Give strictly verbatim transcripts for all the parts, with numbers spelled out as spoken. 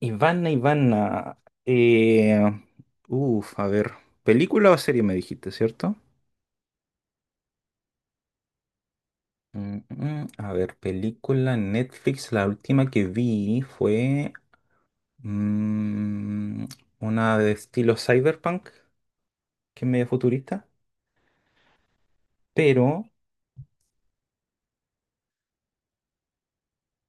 Ivana, Ivana. Eh, Uf, a ver. ¿Película o serie me dijiste, cierto? Mm, mm, a ver, película Netflix. La última que vi fue mm, una de estilo cyberpunk, que es medio futurista. Pero,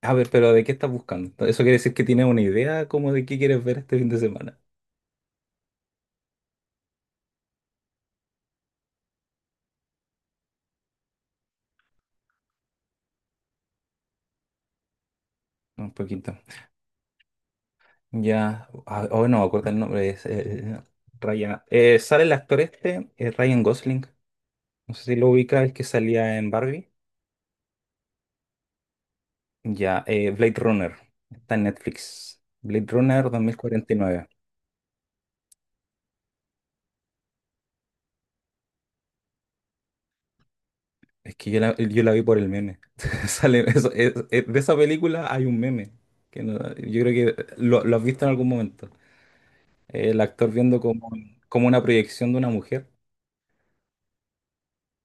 a ver, pero ¿de qué estás buscando? Eso quiere decir que tienes una idea como de qué quieres ver este fin de semana. Un poquito. Ya, ah, oh, no acuerda el nombre. Es, eh, Ryan. Eh, sale el actor este, eh, Ryan Gosling. No sé si lo ubicas, el que salía en Barbie. Ya, eh, Blade Runner. Está en Netflix. Blade Runner dos mil cuarenta y nueve. Es que yo la, yo la vi por el meme. Sale, eso- es- es- de esa película hay un meme. Que no- Yo creo que lo, lo has visto en algún momento. Eh, El actor viendo como, como una proyección de una mujer.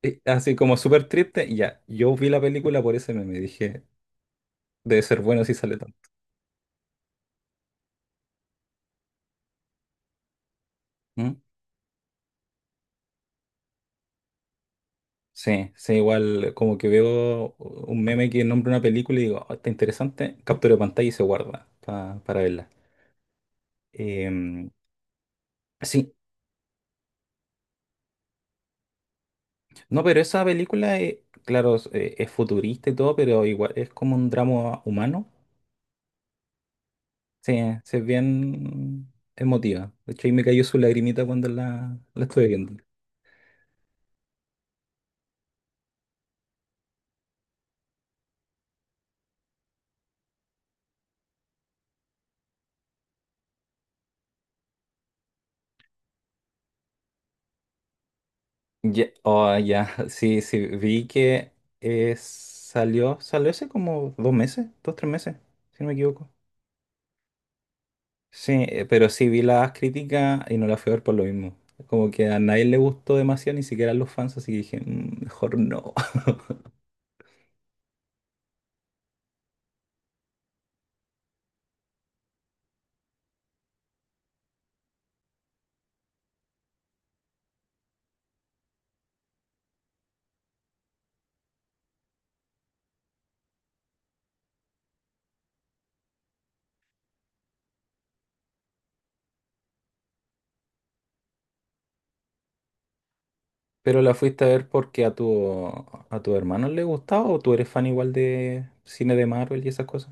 Eh, Así como súper triste. Y ya, yo vi la película por ese meme. Dije, debe ser bueno si sale tanto. Sí, sí, igual como que veo un meme que nombra una película y digo, "Oh, está interesante, captura pantalla y se guarda pa- para verla." Em, sí, no, pero esa película, eh, claro, es, eh, es futurista y todo, pero igual es como un drama humano. Sí, sí, es bien emotiva. De hecho, ahí me cayó su lagrimita cuando la, la estuve viendo. Ya, oh, ya, sí, sí, vi que eh, salió, salió hace como dos meses, dos, tres meses, si no me equivoco. Sí, eh, pero sí vi las críticas y no las fui a ver por lo mismo. Como que a nadie le gustó demasiado, ni siquiera a los fans, así que dije, "Mm, mejor no." Pero la fuiste a ver porque a tu, a tu hermano le gustaba o tú eres fan igual de cine de Marvel y esas cosas.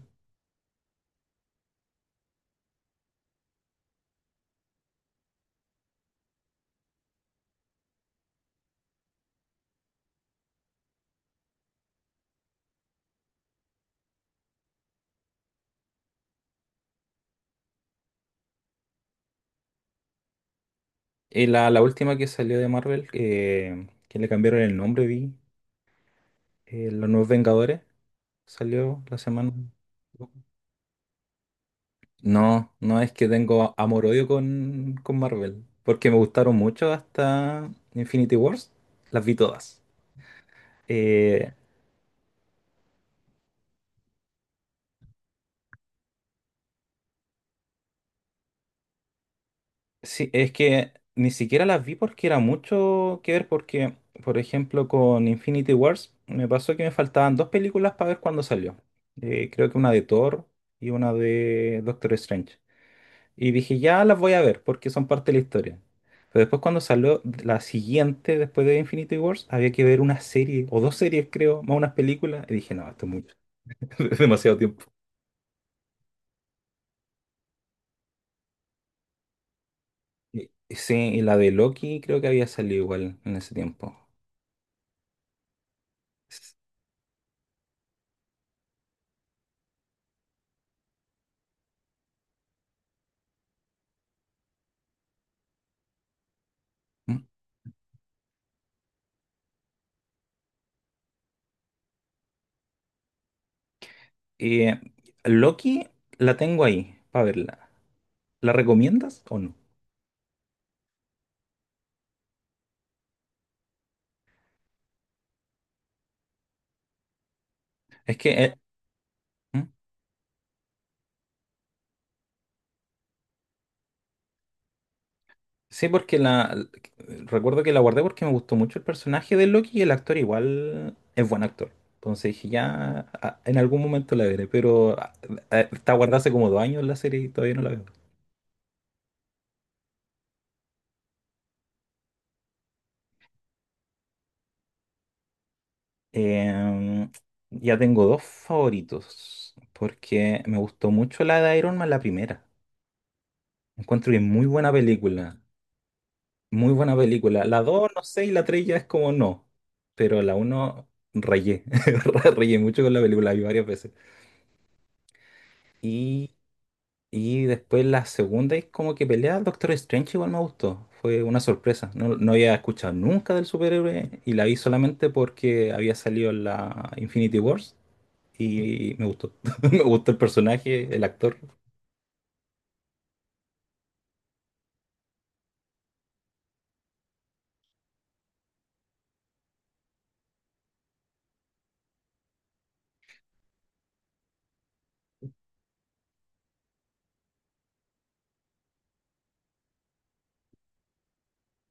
Y la, la última que salió de Marvel, eh, que le cambiaron el nombre, vi, eh, Los Nuevos Vengadores, salió la semana. No, no es que tengo amor-odio con, con Marvel, porque me gustaron mucho hasta Infinity Wars, las vi todas. Eh, sí, es que ni siquiera las vi porque era mucho que ver, porque, por ejemplo, con Infinity Wars me pasó que me faltaban dos películas para ver cuando salió. Eh, creo que una de Thor y una de Doctor Strange. Y dije, ya las voy a ver porque son parte de la historia. Pero después cuando salió la siguiente, después de Infinity Wars, había que ver una serie, o dos series creo, más unas películas. Y dije, no, esto es mucho, es demasiado tiempo. Y- y sí, y la de Loki creo que había salido igual en ese tiempo. S- ¿Mm? Eh, Loki la tengo ahí para verla. ¿La recomiendas o no? Es que, eh, ¿mm? Sí, porque la recuerdo que la guardé porque me gustó mucho el personaje de Loki y el actor igual es buen actor. Entonces dije, ya a- en algún momento la veré, pero a- a- está guardada hace como dos años la serie y todavía no la veo. Em, ya tengo dos favoritos, porque me gustó mucho la de Iron Man, la primera. Encuentro que es muy buena película, muy buena película. La dos, no sé, y la tres ya es como no, pero la uno rayé, rayé mucho con la película, la vi varias veces. Y después la segunda es como que pelea al Doctor Strange, igual me gustó. Fue una sorpresa. No, no había escuchado nunca del superhéroe y la vi solamente porque había salido en la Infinity Wars y me gustó. Me gustó el personaje, el actor.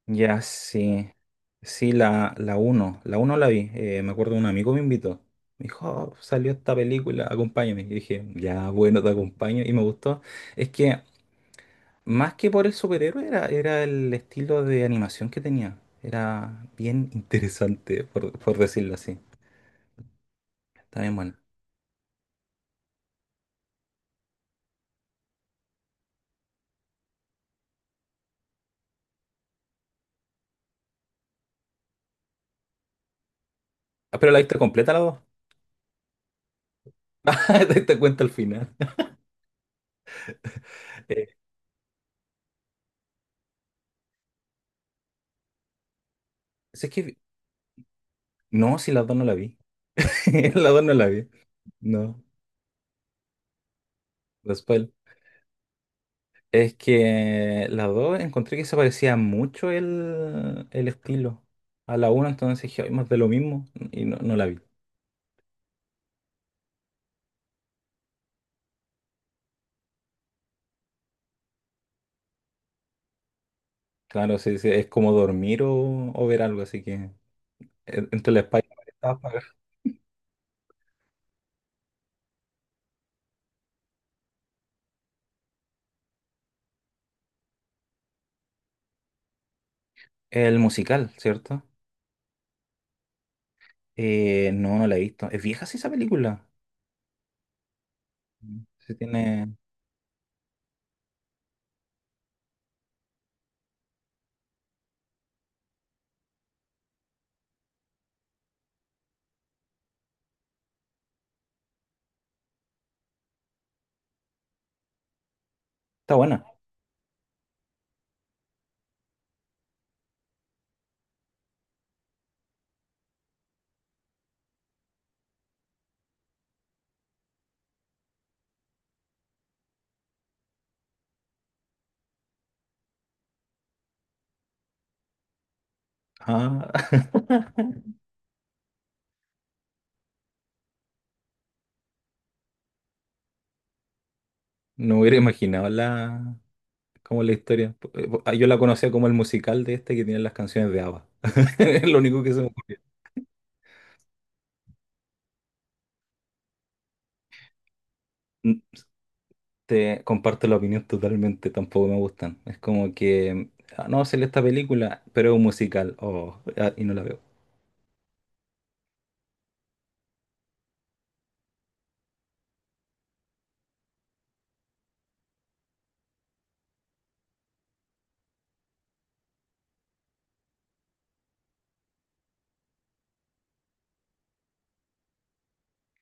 Ya, sí. Sí, la, la uno la uno la vi. Eh, me acuerdo un amigo me invitó. Me dijo, "Oh, salió esta película, acompáñame." Y dije, ya, bueno, te acompaño. Y me gustó. Es que más que por el superhéroe, era, era el estilo de animación que tenía. Era bien interesante, por, por decirlo así. Está bien bueno. Ah, pero la viste completa la dos. Ah, te diste cuenta al final. Eh, si es que. No, si la dos no la vi. La dos no la vi. No, después. Es que la dos encontré que se parecía mucho el, el estilo a la una, entonces dije, "Ay, más de lo mismo." Y no, no la vi. Claro, sí, sí, es como dormir o, o ver algo, así que eh, entre la espalda. El musical, ¿cierto? Eh, no, no la he visto. ¿Es vieja sí esa película? Sí tiene... Está buena. Ah. No hubiera imaginado la... como la historia. Eh, ah, Yo la conocía como el musical de este que tiene las canciones de ABBA. Es lo único que se me ocurre. Mm, Te comparto la opinión totalmente, tampoco me gustan. Es como que... ah, no, sale esta película, pero es un musical. Oh, ah, y no la veo.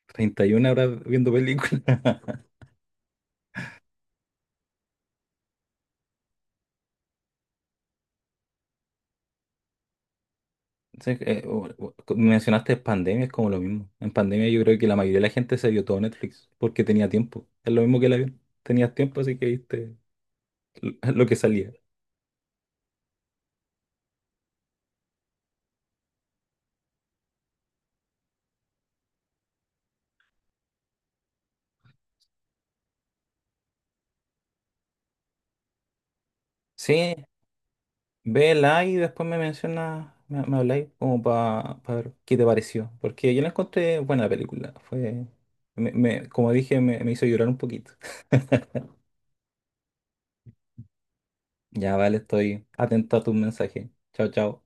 treinta y una horas viendo películas. Sí, eh, o- o- mencionaste pandemia, es como lo mismo. En pandemia yo creo que la mayoría de la gente se vio todo Netflix porque tenía tiempo. Es lo mismo que el avión. Tenías tiempo, así que viste l- lo que salía. Sí, vela y después me mencionas, me, me habláis como para ver qué te pareció. Porque yo la encontré buena película. Fue, me, me- como dije, me, me hizo llorar un poquito. Ya vale, estoy atento a tus mensajes. Chao, chao.